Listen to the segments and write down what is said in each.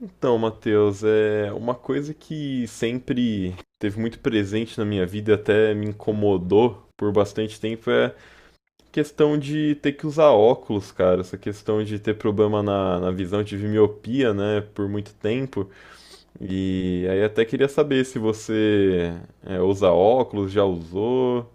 Então, Matheus, é uma coisa que sempre teve muito presente na minha vida e até me incomodou por bastante tempo é a questão de ter que usar óculos, cara. Essa questão de ter problema na visão, tive miopia, né, por muito tempo. E aí até queria saber se você usa óculos, já usou.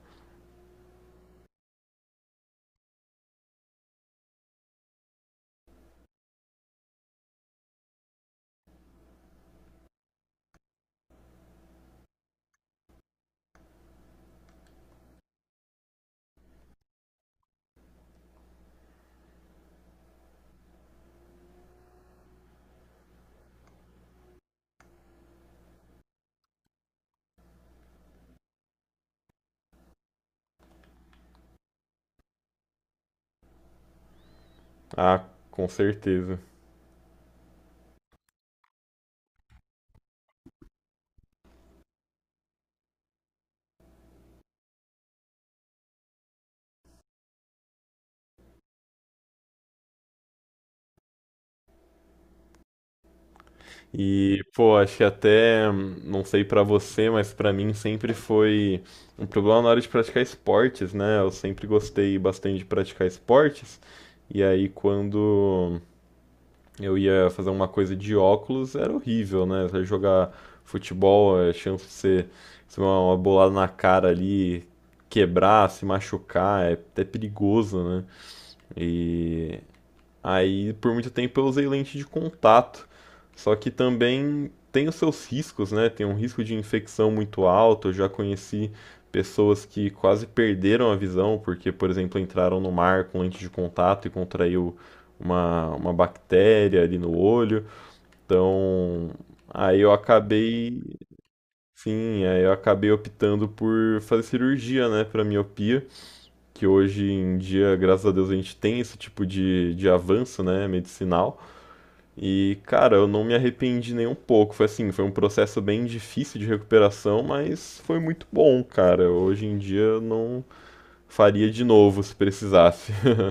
Ah, com certeza. E, pô, acho que até, não sei pra você, mas pra mim sempre foi um problema na hora de praticar esportes, né? Eu sempre gostei bastante de praticar esportes. E aí, quando eu ia fazer uma coisa de óculos, era horrível, né? Você jogar futebol, a chance de você receber uma bolada na cara ali, quebrar, se machucar, é até perigoso, né? E aí por muito tempo eu usei lente de contato, só que também tem os seus riscos, né? Tem um risco de infecção muito alto. Eu já conheci pessoas que quase perderam a visão porque, por exemplo, entraram no mar com lente de contato e contraiu uma bactéria ali no olho. Então, aí eu acabei, sim, aí eu acabei optando por fazer cirurgia, né, para miopia, que hoje em dia, graças a Deus, a gente tem esse tipo de avanço, né, medicinal. E, cara, eu não me arrependi nem um pouco. Foi assim, foi um processo bem difícil de recuperação, mas foi muito bom, cara. Hoje em dia eu não faria de novo se precisasse.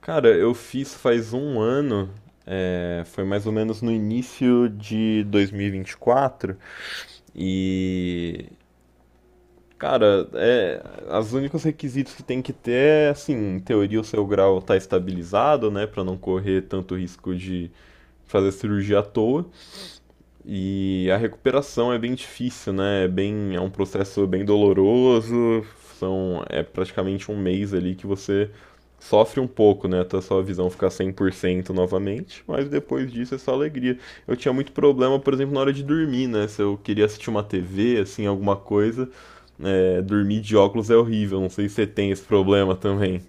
Cara, eu fiz faz um ano, foi mais ou menos no início de 2024. E. vinte e quatro, e. Cara, os únicos requisitos que tem que ter é, assim, em teoria o seu grau tá estabilizado, né, pra não correr tanto risco de fazer cirurgia à toa. E a recuperação é bem difícil, né? É bem, é um processo bem doloroso. São, é praticamente um mês ali que você sofre um pouco, né? Até a sua visão ficar 100% novamente, mas depois disso é só alegria. Eu tinha muito problema, por exemplo, na hora de dormir, né? Se eu queria assistir uma TV, assim, alguma coisa, dormir de óculos é horrível. Não sei se você tem esse problema também.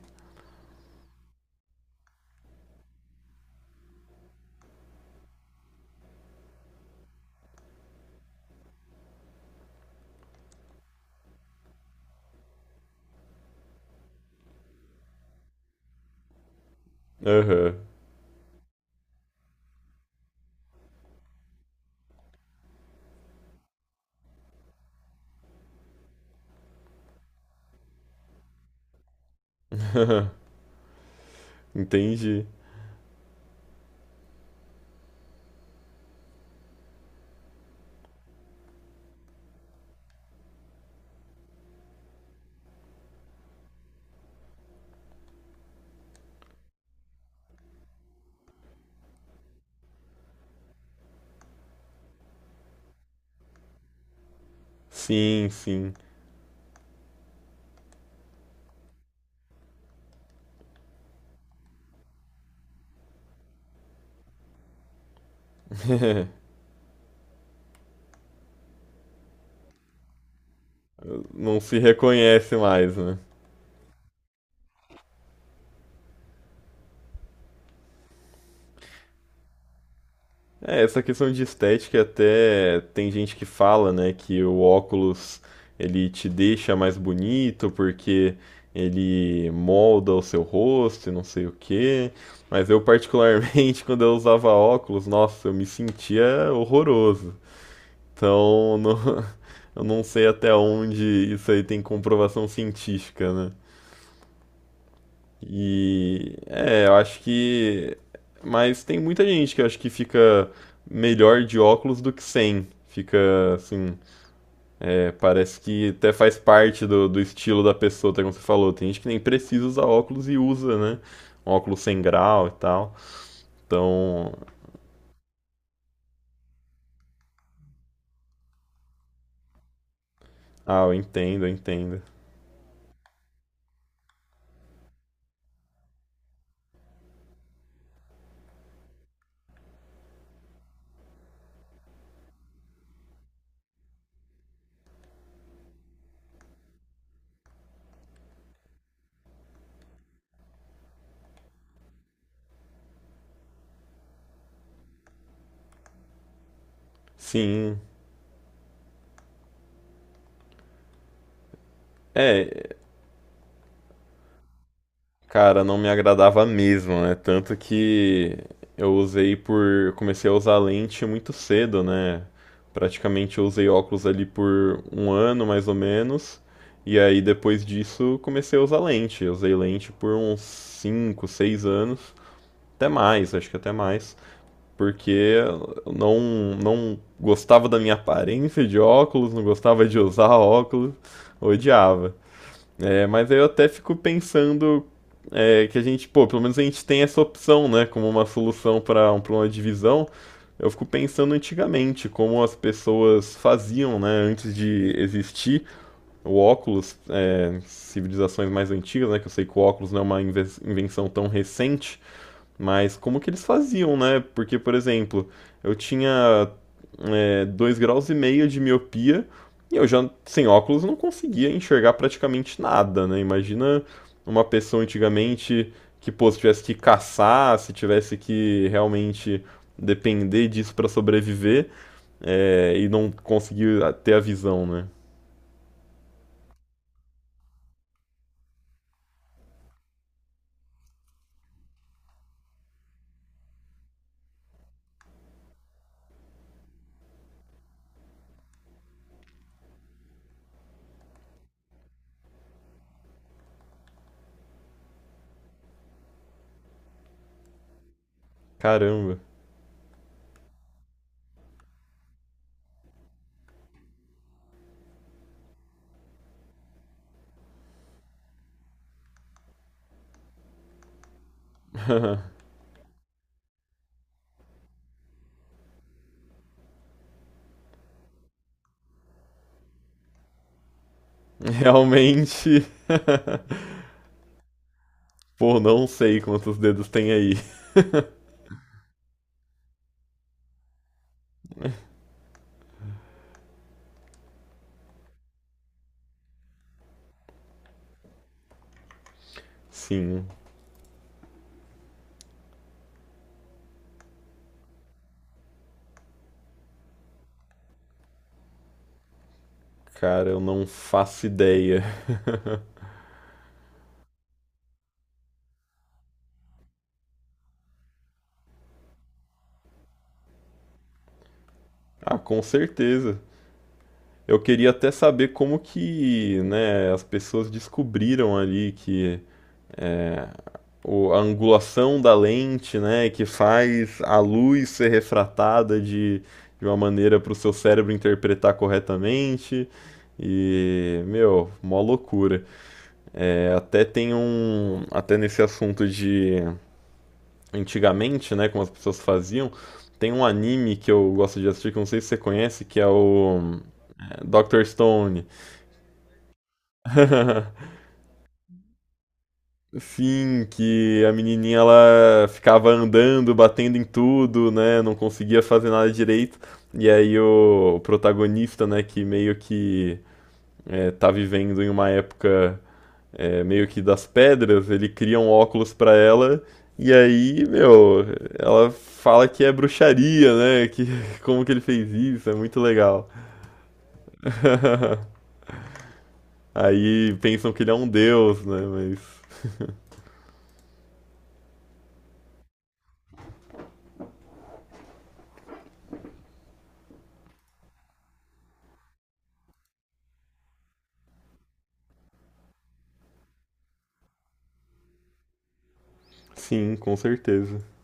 Aham, entendi. Sim, sim. Não se reconhece mais, né? É, essa questão de estética até tem gente que fala, né, que o óculos ele te deixa mais bonito porque ele molda o seu rosto e não sei o quê. Mas eu particularmente quando eu usava óculos, nossa, eu me sentia horroroso. Então, não, eu não sei até onde isso aí tem comprovação científica, né? E eu acho que. Mas tem muita gente que eu acho que fica melhor de óculos do que sem. Fica assim. Parece que até faz parte do estilo da pessoa, até como você falou. Tem gente que nem precisa usar óculos e usa, né? Um óculos sem grau e tal. Então. Ah, eu entendo, eu entendo. Sim. É, cara, não me agradava mesmo, né? Tanto que eu usei por. Eu comecei a usar lente muito cedo, né? Praticamente eu usei óculos ali por um ano mais ou menos. E aí depois disso comecei a usar lente. Eu usei lente por uns 5, 6 anos. Até mais, acho que até mais. Porque eu não gostava da minha aparência de óculos, não gostava de usar óculos, odiava. É, mas aí eu até fico pensando que a gente, pô, pelo menos a gente tem essa opção, né, como uma solução para um problema de visão. Eu fico pensando antigamente como as pessoas faziam, né, antes de existir o óculos, civilizações mais antigas, né, que eu sei que o óculos não é uma invenção tão recente, mas como que eles faziam, né? Porque, por exemplo, eu tinha 2 graus e meio de miopia e eu já, sem óculos, não conseguia enxergar praticamente nada, né? Imagina uma pessoa antigamente que, pô, se tivesse que caçar, se tivesse que realmente depender disso para sobreviver, e não conseguir ter a visão, né? Caramba. Realmente, pô, não sei quantos dedos tem aí. Sim, cara, eu não faço ideia. Ah, com certeza. Eu queria até saber como que, né, as pessoas descobriram ali que a angulação da lente, né, que faz a luz ser refratada de uma maneira para o seu cérebro interpretar corretamente. E, meu, mó loucura. Até tem um, até nesse assunto de antigamente, né, como as pessoas faziam, tem um anime que eu gosto de assistir, que eu não sei se você conhece, que é o Dr. Stone. Sim, que a menininha ela ficava andando, batendo em tudo, né, não conseguia fazer nada direito. E aí o protagonista, né, que meio que tá vivendo em uma época meio que das pedras, ele cria um óculos pra ela. E aí, meu, ela fala que é bruxaria, né? Que como que ele fez isso? É muito legal. Aí pensam que ele é um deus, né? Mas sim, com certeza.